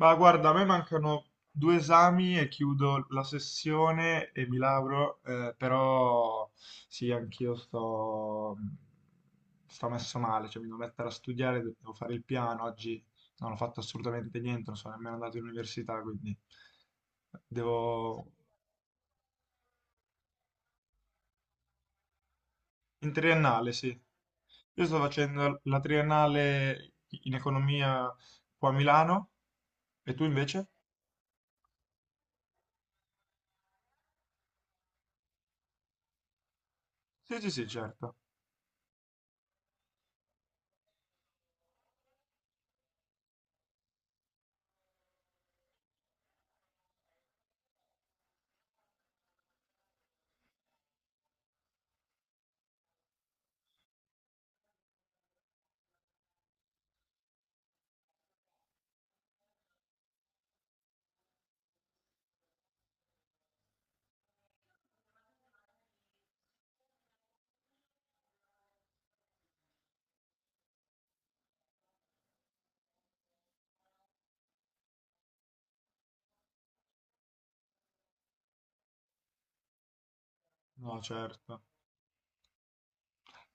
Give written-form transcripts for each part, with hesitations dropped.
Ma guarda, a me mancano due esami e chiudo la sessione e mi lauro, però sì, anch'io sto, sto messo male, cioè mi devo mettere a studiare, devo fare il piano, oggi non ho fatto assolutamente niente, non sono nemmeno andato in università, quindi devo... In triennale, sì. Io sto facendo la triennale in economia qua a Milano, e tu invece? Sì, sì, sì, certo. No, certo.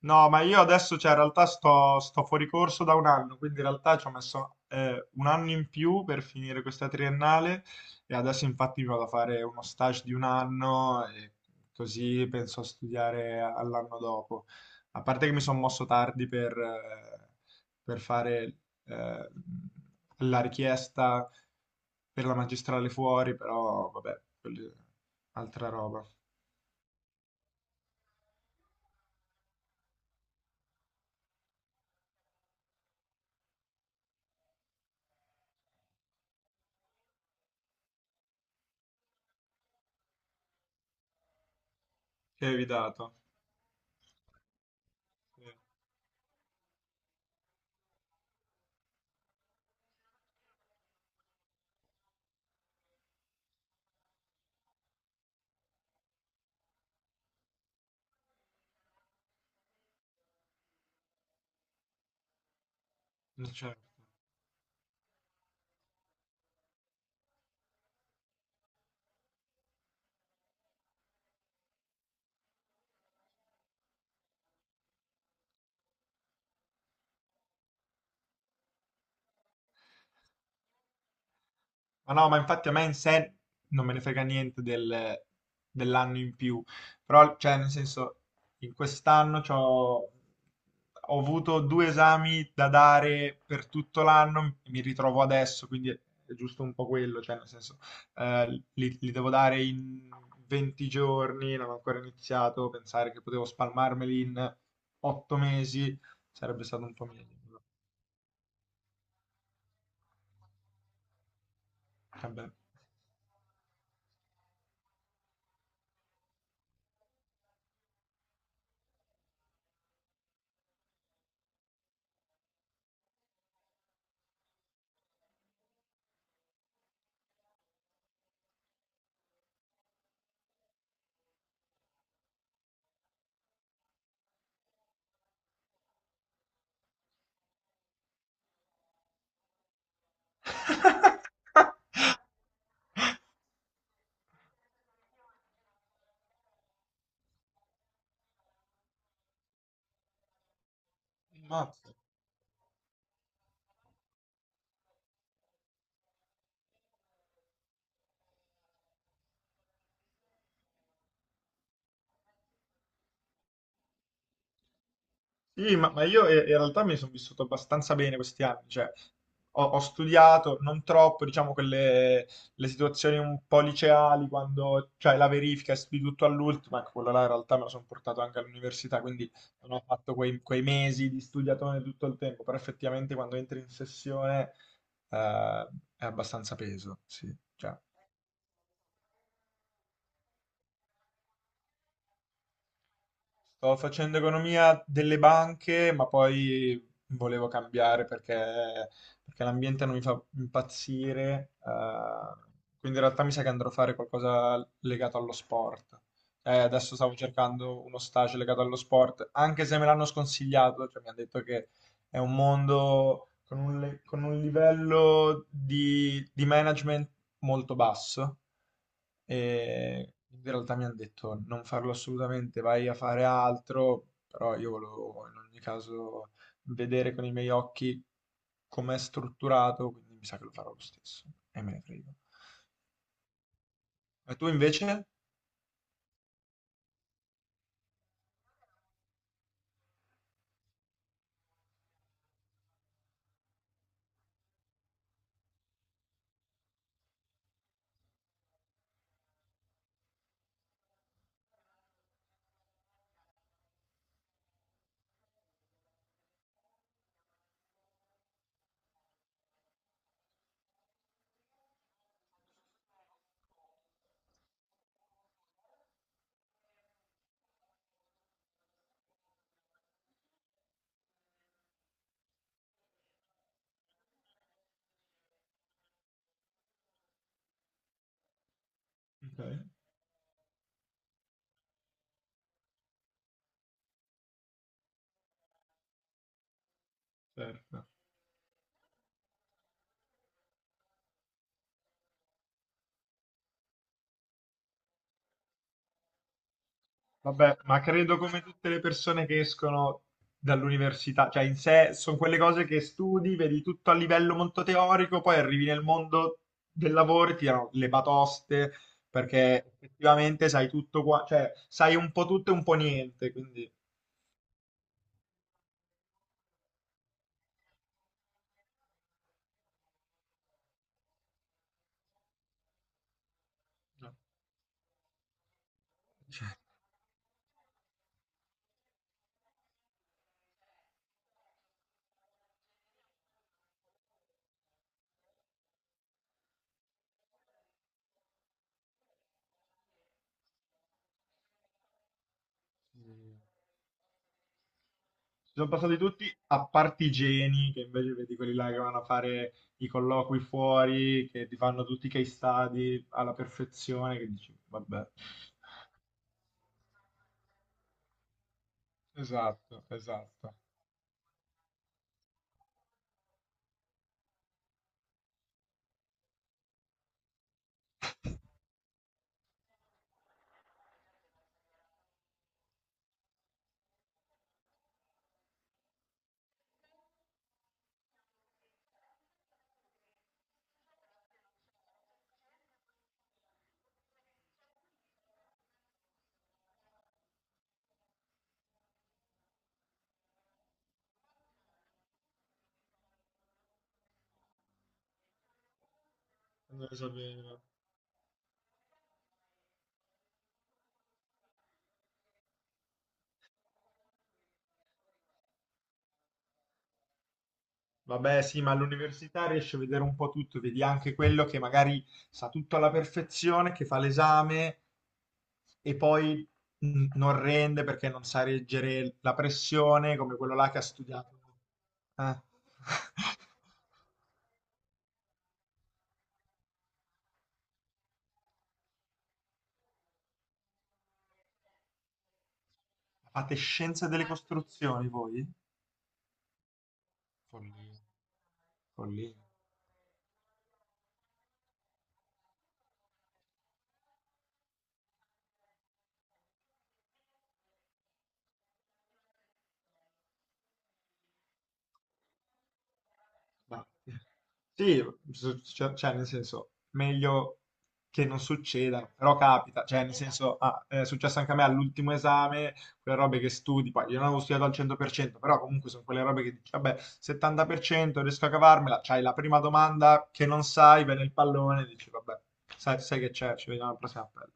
No, ma io adesso, cioè, in realtà sto fuori corso da un anno, quindi in realtà ci ho messo un anno in più per finire questa triennale e adesso infatti mi vado a fare uno stage di un anno e così penso a studiare all'anno dopo. A parte che mi sono mosso tardi per fare eh, la richiesta per la magistrale fuori, però vabbè, quella è altra roba. Che avevi dato? Sì, non c'è. Ma no, ma infatti a me in sé non me ne frega niente dell'anno in più, però, cioè, nel senso, in quest'anno ho avuto due esami da dare per tutto l'anno, mi ritrovo adesso, quindi è giusto un po' quello, cioè, nel senso, eh, li devo dare in 20 giorni, non ho ancora iniziato, pensare che potevo spalmarmeli in 8 mesi sarebbe stato un po' meglio, però, vabbè. Mazza. Sì, ma io in realtà mi sono vissuto abbastanza bene questi anni, cioè ho studiato non troppo, diciamo, quelle le situazioni un po' liceali, quando c'è la verifica e studi tutto all'ultimo, ecco, quello là in realtà me lo sono portato anche all'università, quindi non ho fatto quei mesi di studiatone tutto il tempo, però effettivamente quando entri in sessione eh, è abbastanza peso, sì, cioè, sto facendo economia delle banche, ma poi volevo cambiare perché, perché l'ambiente non mi fa impazzire. Eh, quindi in realtà mi sa che andrò a fare qualcosa legato allo sport. Adesso stavo cercando uno stage legato allo sport, anche se me l'hanno sconsigliato, cioè mi hanno detto che è un mondo con con un livello di management molto basso e in realtà mi hanno detto non farlo assolutamente, vai a fare altro, però io volevo in ogni caso vedere con i miei occhi com'è strutturato, quindi mi sa che lo farò lo stesso e me ne frego. E tu invece? Ok, certo. Vabbè, ma credo come tutte le persone che escono dall'università, cioè in sé sono quelle cose che studi, vedi tutto a livello molto teorico, poi arrivi nel mondo del lavoro e ti danno le batoste, perché effettivamente sai tutto qua, cioè sai un po' tutto e un po' niente, quindi no. Mm. Ci sono passati tutti a parte i geni, che invece vedi quelli là che vanno a fare i colloqui fuori, che ti fanno tutti i case study alla perfezione, che dici, vabbè. Esatto, esatto. Non lo sapeva. Vabbè, sì, ma all'università riesci a vedere un po' tutto, vedi anche quello che magari sa tutto alla perfezione, che fa l'esame e poi mm, non rende perché non sa reggere la pressione, come quello là che ha studiato. Eh. Fate scienza delle costruzioni voi? Follia. Follia. Ma- Sì, cioè, nel senso, meglio che non succeda, però capita, cioè nel senso, ah, è successo anche a me all'ultimo esame, quelle robe che studi, poi io non avevo studiato al 100%, però comunque sono quelle robe che dici, vabbè, 70% riesco a cavarmela, c'hai la prima domanda che non sai, viene il pallone, dici, vabbè, sai che c'è, ci vediamo al prossimo appello.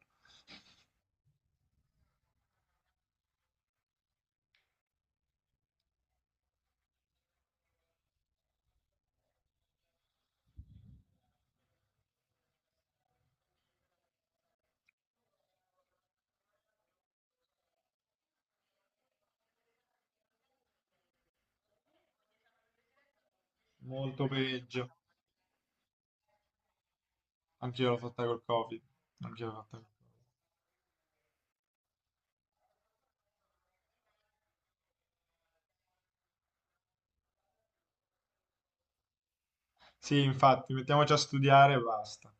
Molto peggio, anch'io l'ho fatta col Covid, anch'io l'ho fatta. Sì, infatti, mettiamoci a studiare e basta.